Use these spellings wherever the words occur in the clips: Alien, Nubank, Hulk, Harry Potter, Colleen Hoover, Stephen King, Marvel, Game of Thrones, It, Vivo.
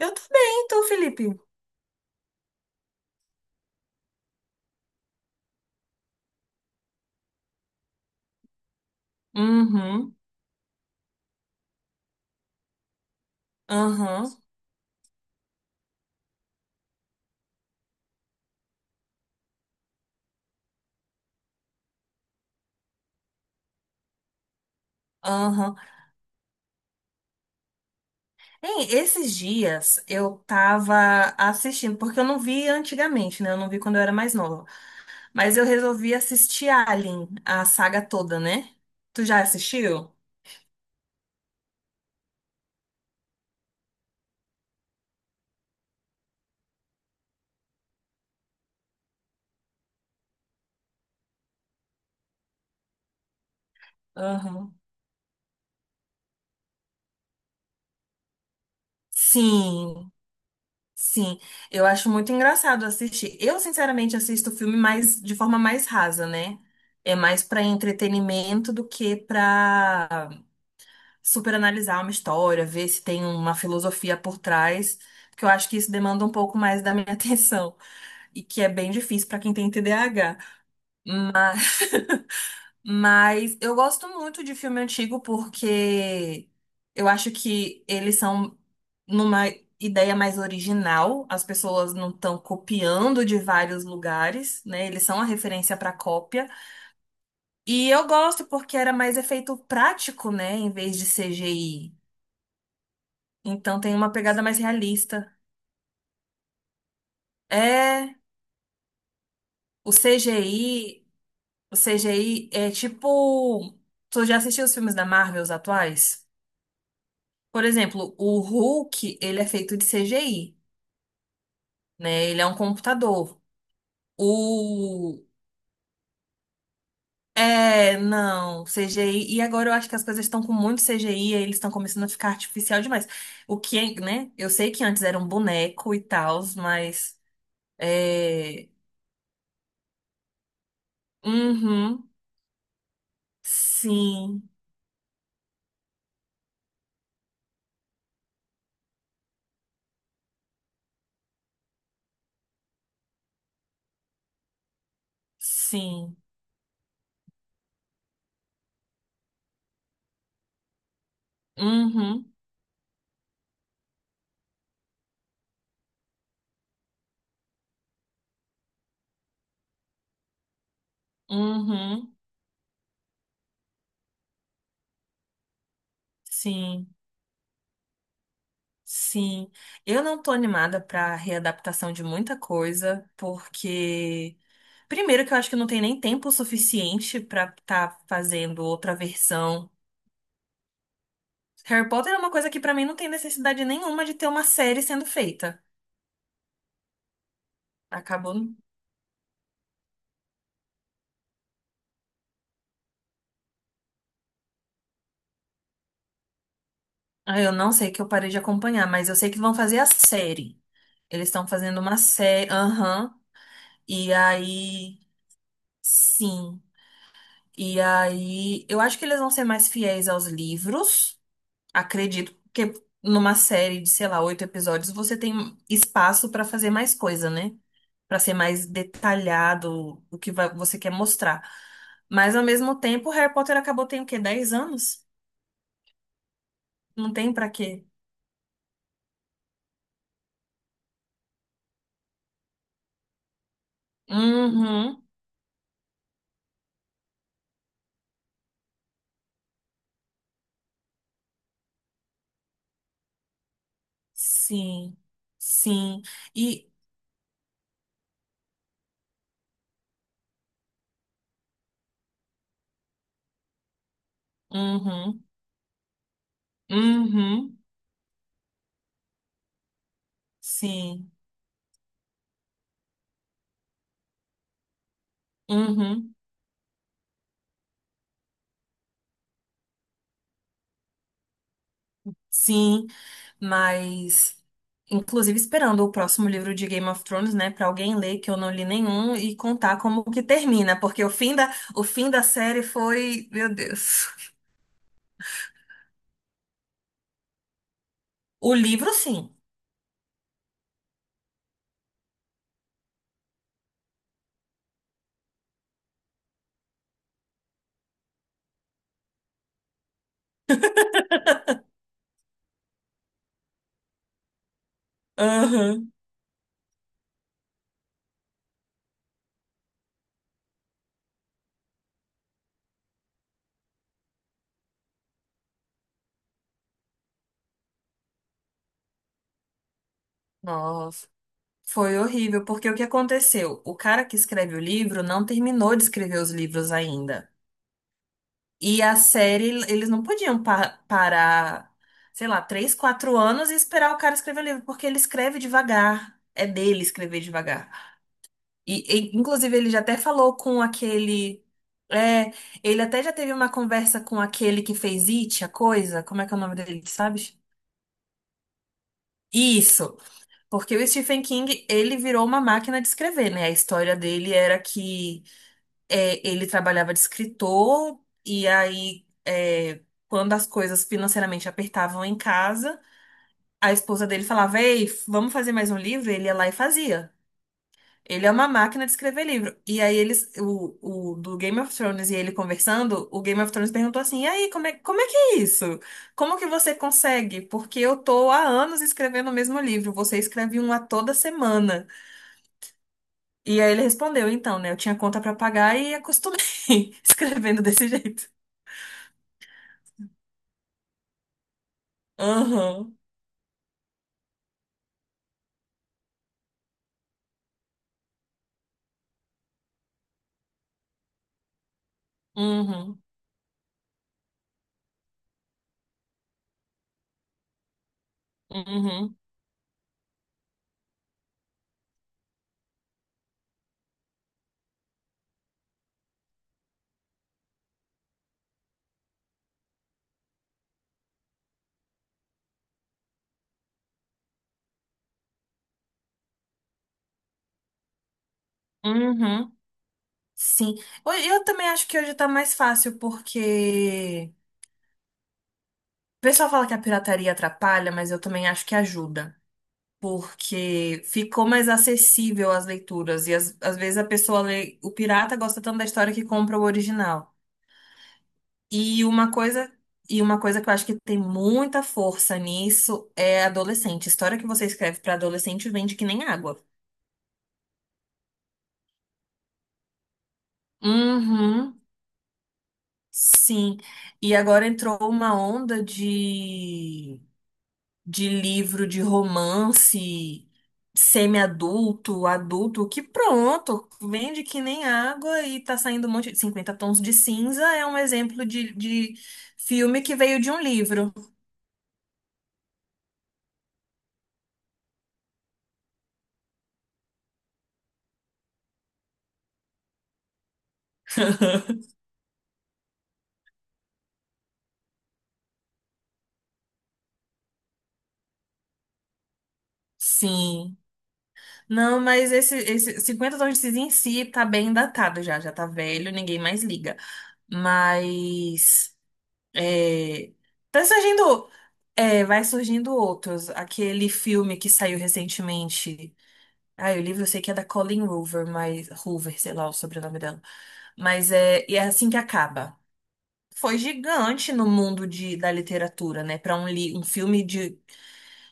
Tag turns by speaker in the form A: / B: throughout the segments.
A: Eu tô bem, tô, Felipe. Uhum, uhum, uhum. Hein, esses dias eu tava assistindo, porque eu não vi antigamente, né? Eu não vi quando eu era mais nova. Mas eu resolvi assistir Alien, a saga toda, né? Tu já assistiu? Uhum. Sim, sim. Eu acho muito engraçado assistir. Eu, sinceramente, assisto filme mais, de forma mais rasa, né? É mais pra entretenimento do que pra super analisar uma história, ver se tem uma filosofia por trás, porque eu acho que isso demanda um pouco mais da minha atenção e que é bem difícil para quem tem TDAH. Mas eu gosto muito de filme antigo porque eu acho que eles são numa ideia mais original, as pessoas não estão copiando de vários lugares, né? Eles são a referência para cópia. E eu gosto porque era mais efeito prático, né, em vez de CGI. Então tem uma pegada mais realista. É, o CGI é tipo, tu já assistiu os filmes da Marvel, os atuais? Por exemplo, o Hulk, ele é feito de CGI, né? Ele é um computador. O É, não, CGI. E agora eu acho que as coisas estão com muito CGI, aí eles estão começando a ficar artificial demais. O que, é, né? Eu sei que antes era um boneco e tal, mas é, uhum, sim. Sim. Uhum, uhum, sim, sim. Eu não tô animada pra readaptação de muita coisa, porque primeiro que eu acho que não tem nem tempo suficiente pra tá fazendo outra versão. Harry Potter é uma coisa que pra mim não tem necessidade nenhuma de ter uma série sendo feita. Acabou. Ah, eu não sei que eu parei de acompanhar, mas eu sei que vão fazer a série. Eles estão fazendo uma série, aham. E aí, sim. E aí, eu acho que eles vão ser mais fiéis aos livros, acredito, porque numa série de, sei lá, oito episódios, você tem espaço pra fazer mais coisa, né? Pra ser mais detalhado o que você quer mostrar. Mas ao mesmo tempo, Harry Potter acabou tem o quê? 10 anos? Não tem pra quê? Uhum. Sim. Sim. E uhum. Uhum. Sim. Uhum. Sim. Mas, inclusive, esperando o próximo livro de Game of Thrones, né, pra alguém ler, que eu não li nenhum, e contar como que termina, porque o fim da série foi, meu Deus. O livro, sim. Aham. Nossa, foi horrível, porque o que aconteceu? O cara que escreve o livro não terminou de escrever os livros ainda. E a série, eles não podiam parar, sei lá, 3, 4 anos e esperar o cara escrever o livro, porque ele escreve devagar. É dele escrever devagar. E, inclusive, ele já até falou com aquele. É, ele até já teve uma conversa com aquele que fez It, a coisa. Como é que é o nome dele, sabes? Isso, porque o Stephen King, ele virou uma máquina de escrever, né? A história dele era que ele trabalhava de escritor, e aí, quando as coisas financeiramente apertavam em casa, a esposa dele falava: "Ei, vamos fazer mais um livro?" Ele ia lá e fazia. Ele é uma máquina de escrever livro. E aí eles, o do Game of Thrones e ele conversando, o Game of Thrones perguntou assim: "E aí, como é que é isso? Como que você consegue? Porque eu tô há anos escrevendo o mesmo livro, você escreve um a toda semana". E aí ele respondeu: "Então, né, eu tinha conta pra pagar e acostumei escrevendo desse jeito". Aham. Uhum. Uhum. Uhum. Sim. Eu também acho que hoje tá mais fácil porque o pessoal fala que a pirataria atrapalha, mas eu também acho que ajuda, porque ficou mais acessível as leituras e às vezes a pessoa lê, o pirata gosta tanto da história que compra o original. E uma coisa, e uma coisa que eu acho que tem muita força nisso é adolescente. História que você escreve para adolescente vende que nem água. Uhum, sim. E agora entrou uma onda de livro de romance semi-adulto, adulto, que pronto, vende que nem água e tá saindo um monte de 50 tons de cinza é um exemplo de filme que veio de um livro. Sim. Não, mas esse 50 tons de cinza em si tá bem datado já, já tá velho, ninguém mais liga. Mas é, tá surgindo, é, vai surgindo outros. Aquele filme que saiu recentemente. Ah, o livro eu sei que é da Colleen Hoover, mas Hoover, sei lá o sobrenome dela. Mas é, e é assim que acaba. Foi gigante no mundo de, da literatura, né? Para um, um filme de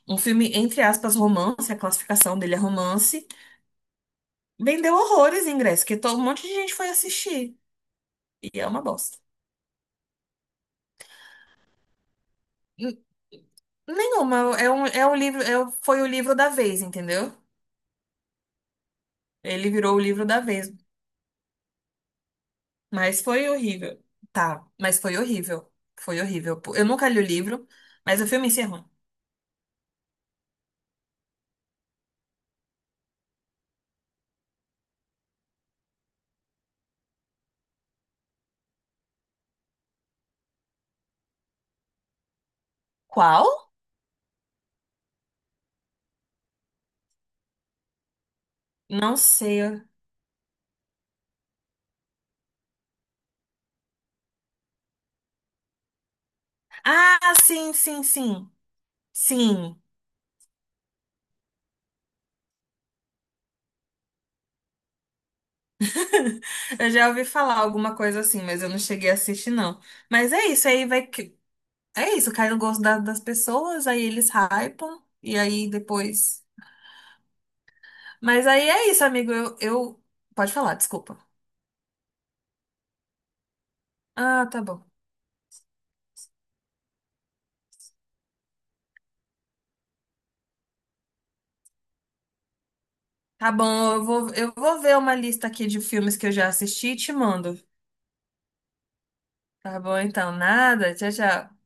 A: um filme entre aspas romance, a classificação dele é romance, vendeu horrores em ingresso, que todo um monte de gente foi assistir e é uma bosta. N- Nenhuma, é um livro, é, foi o livro da vez, entendeu? Ele virou o livro da vez, mas foi horrível. Tá, mas foi horrível. Foi horrível. Eu nunca li o livro, mas o filme encerrou. Qual? Não sei. Ah, sim, sim, sim. Sim. Eu já ouvi falar alguma coisa assim, mas eu não cheguei a assistir, não. Mas é isso, aí vai que. É isso, cai no gosto das pessoas, aí eles hypam, e aí depois. Mas aí é isso, amigo. Eu. Pode falar, desculpa. Ah, tá bom. Tá bom, eu vou ver uma lista aqui de filmes que eu já assisti e te mando. Tá bom, então, nada. Tchau, tchau.